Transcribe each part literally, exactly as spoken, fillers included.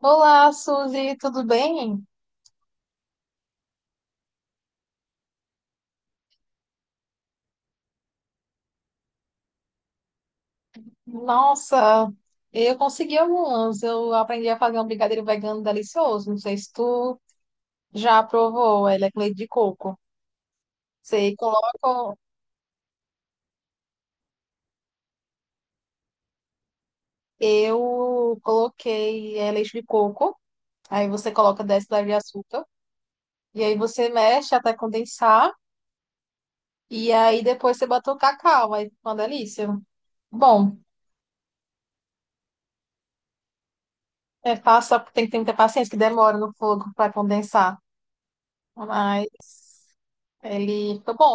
Olá, Suzy, tudo bem? Nossa, eu consegui algumas. Eu aprendi a fazer um brigadeiro vegano delicioso. Não sei se tu já provou. Ele é com leite de coco. Você coloca, eu coloquei é, leite de coco. Aí você coloca dez colheres de açúcar. E aí você mexe até condensar. E aí depois você bota o cacau. Aí fica uma delícia. Bom, é fácil, tem que ter muita paciência, que demora no fogo para condensar. Mas ele fica bom.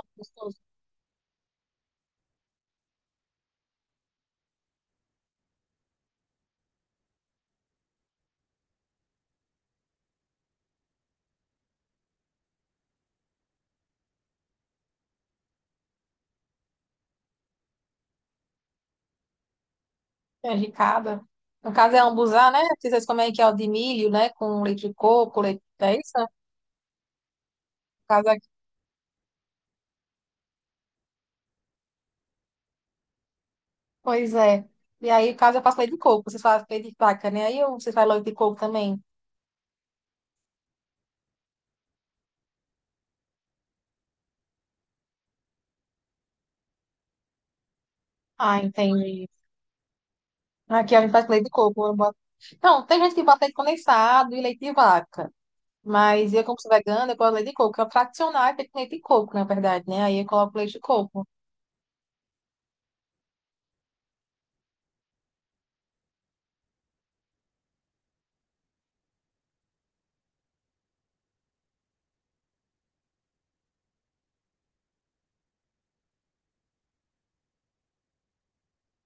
Canjicada. No caso é ambusá, né? Vocês comem que é o de milho, né? Com leite de coco, leite... É isso, né? No caso aqui. Pois é. E aí, no caso, eu faço leite de coco. Vocês fazem leite de vaca, né? Aí eu- vocês fazem leite de coco também. Ah, entendi. Aqui a gente faz leite de coco. Eu boto- Não, tem gente que bota leite condensado e leite de vaca. Mas eu, como sou vegana, eu gosto leite de coco. É o tradicional é feito com leite de coco, na verdade, né? Aí eu coloco leite de coco.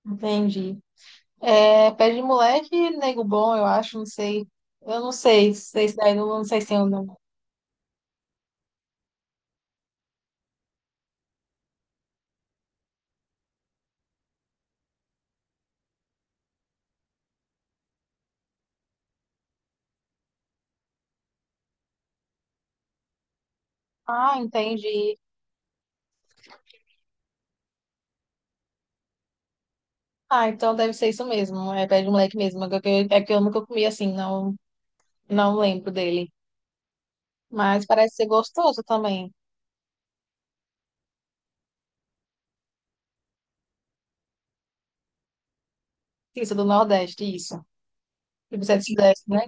Entendi. É, pé de moleque, nego bom, eu acho, não sei. Eu não sei, sei se daí, não, não sei se eu não. Ah, entendi. Ah, então deve ser isso mesmo. É pé de moleque mesmo. É que eu, é que eu nunca comi assim, não, não lembro dele. Mas parece ser gostoso também. Isso, do Nordeste, isso. E você é do Sudeste, né?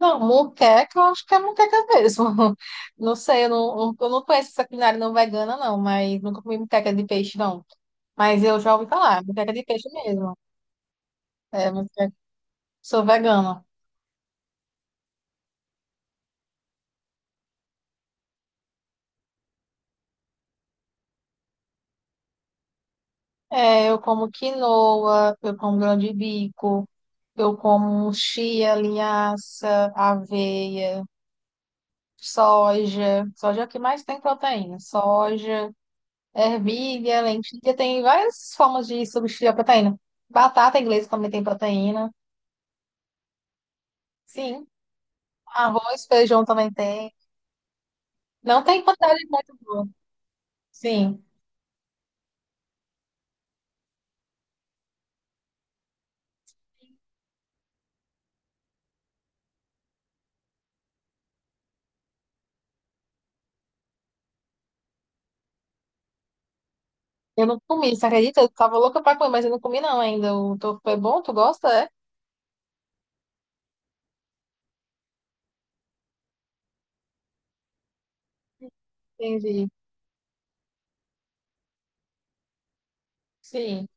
Não, moqueca, eu acho que é moqueca mesmo. Não sei, eu não, eu não conheço essa culinária não vegana, não, mas nunca comi moqueca de peixe, não. Mas eu já ouvi falar, moqueca de peixe mesmo. É, sou vegana. É, eu como quinoa, eu como grão de bico, eu como chia, linhaça, aveia, soja. Soja é o que mais tem proteína. Soja, ervilha, lentilha, tem várias formas de substituir a proteína. Batata inglesa também tem proteína. Sim. Arroz, feijão também tem. Não tem quantidade muito. Sim. Eu não comi, você acredita? Eu tava louca pra comer, mas eu não comi não ainda. O teu foi bom? Tu gosta? É? Entendi. Sim.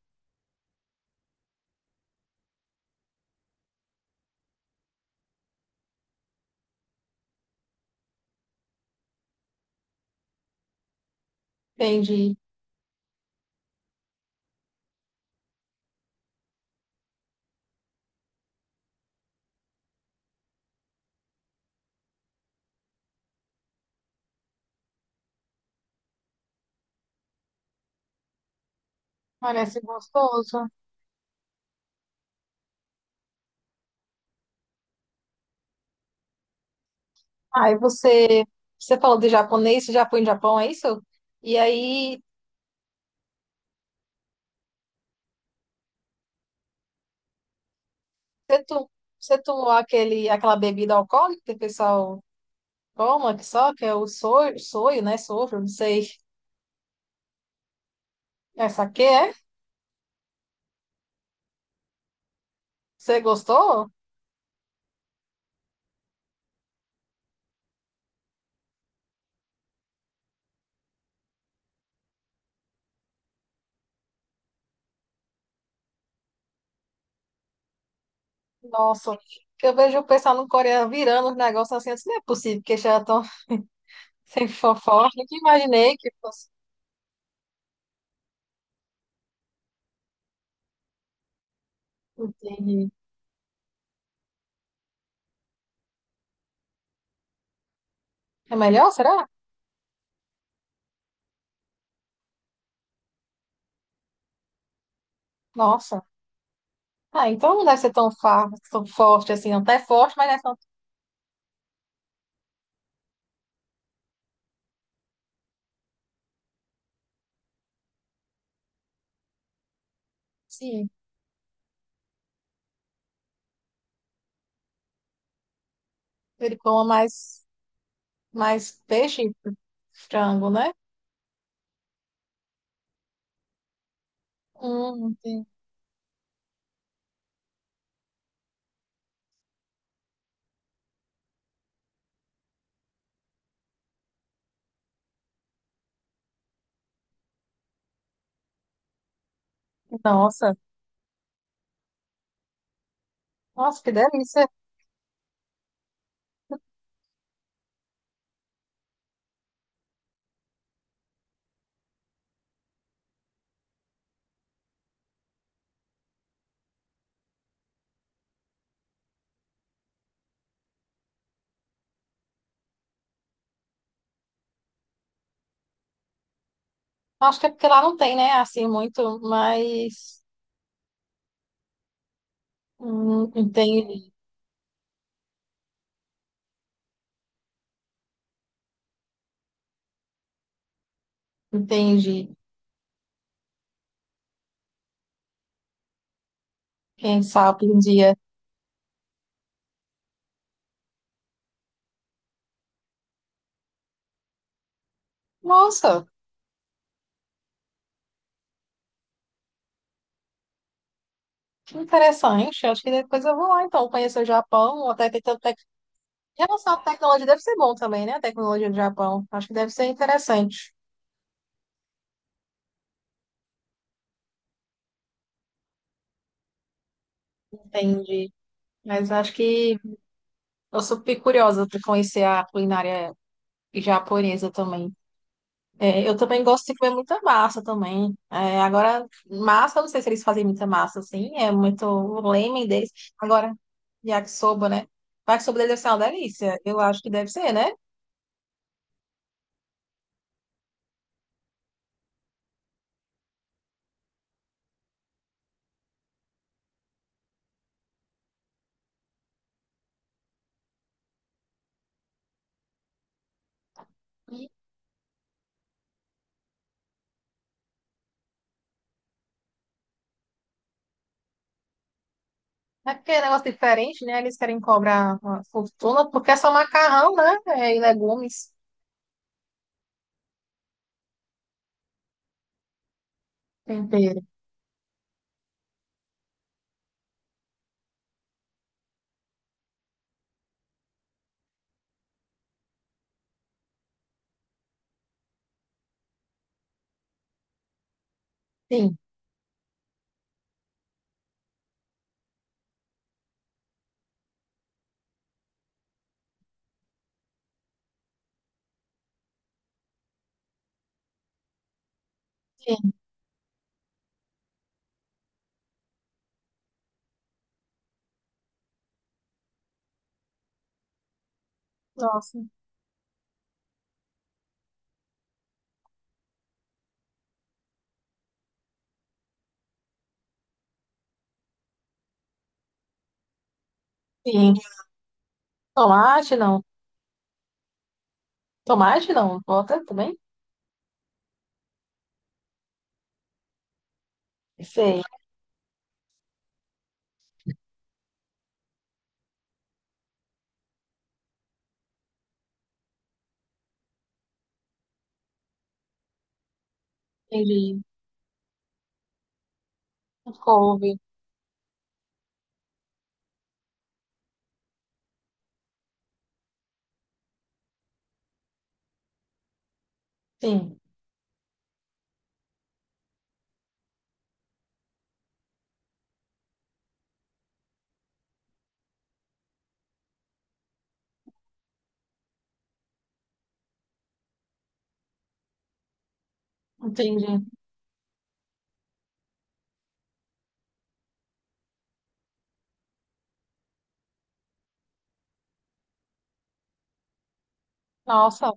Entendi. Parece gostoso. Aí você, você falou de japonês, você já foi no Japão, é isso? E aí, você, tu você tomou aquele, aquela bebida alcoólica que o pessoal toma, que só, que é o soio, soio, né? Sojo, não sei. Essa aqui é? Você gostou? Nossa, que eu vejo o pessoal no Coreia virando os negócios assim, assim, não é possível que já estão sem fofoca. Nunca imaginei que fosse. Entendi. É melhor, será? Nossa. Ah, então não deve ser tão, fa- tão forte assim, não. Até forte, mas não é tão. Sim. Ele coma mais, mais peixe frango, né? Hum, sim. Nossa, nossa, que delícia. Acho que é porque lá não tem, né? Assim, muito, mas hum, entendi, entendi. Quem sabe um dia. Nossa, que interessante. Acho que depois eu vou lá, então, conhecer o Japão. Até que tanto tec- Em relação à tecnologia, deve ser bom também, né? A tecnologia do Japão. Acho que deve ser interessante. Entendi. Mas acho que eu sou bem curiosa para conhecer a culinária japonesa também. É, eu também gosto de comer muita massa também. É, agora, massa, eu não sei se eles fazem muita massa, assim, é muito o leme deles. Agora, yakisoba, né? O yakisoba deles deve ser uma delícia. Eu acho que deve ser, né? É porque é um negócio diferente, né? Eles querem cobrar uma fortuna, porque é só macarrão, né? É, e legumes, tempero. Sim, sim. Nossa, sim. Tomate, não. Tomate, não. Bota também? Sei. Entendi. Couve. Sim, entendi. Nossa.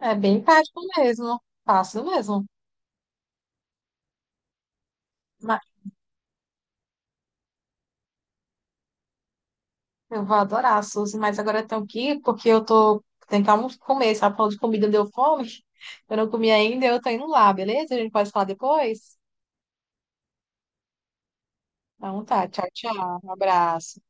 É bem prático mesmo. Fácil mesmo. Mas eu vou adorar, Suzy. Mas agora eu tenho que ir, porque eu tô tentando almo- comer. Sabe, falando de comida deu fome. Eu não comi ainda, eu tô indo lá, beleza? A gente pode falar depois? Então tá, tchau, tchau. Um abraço.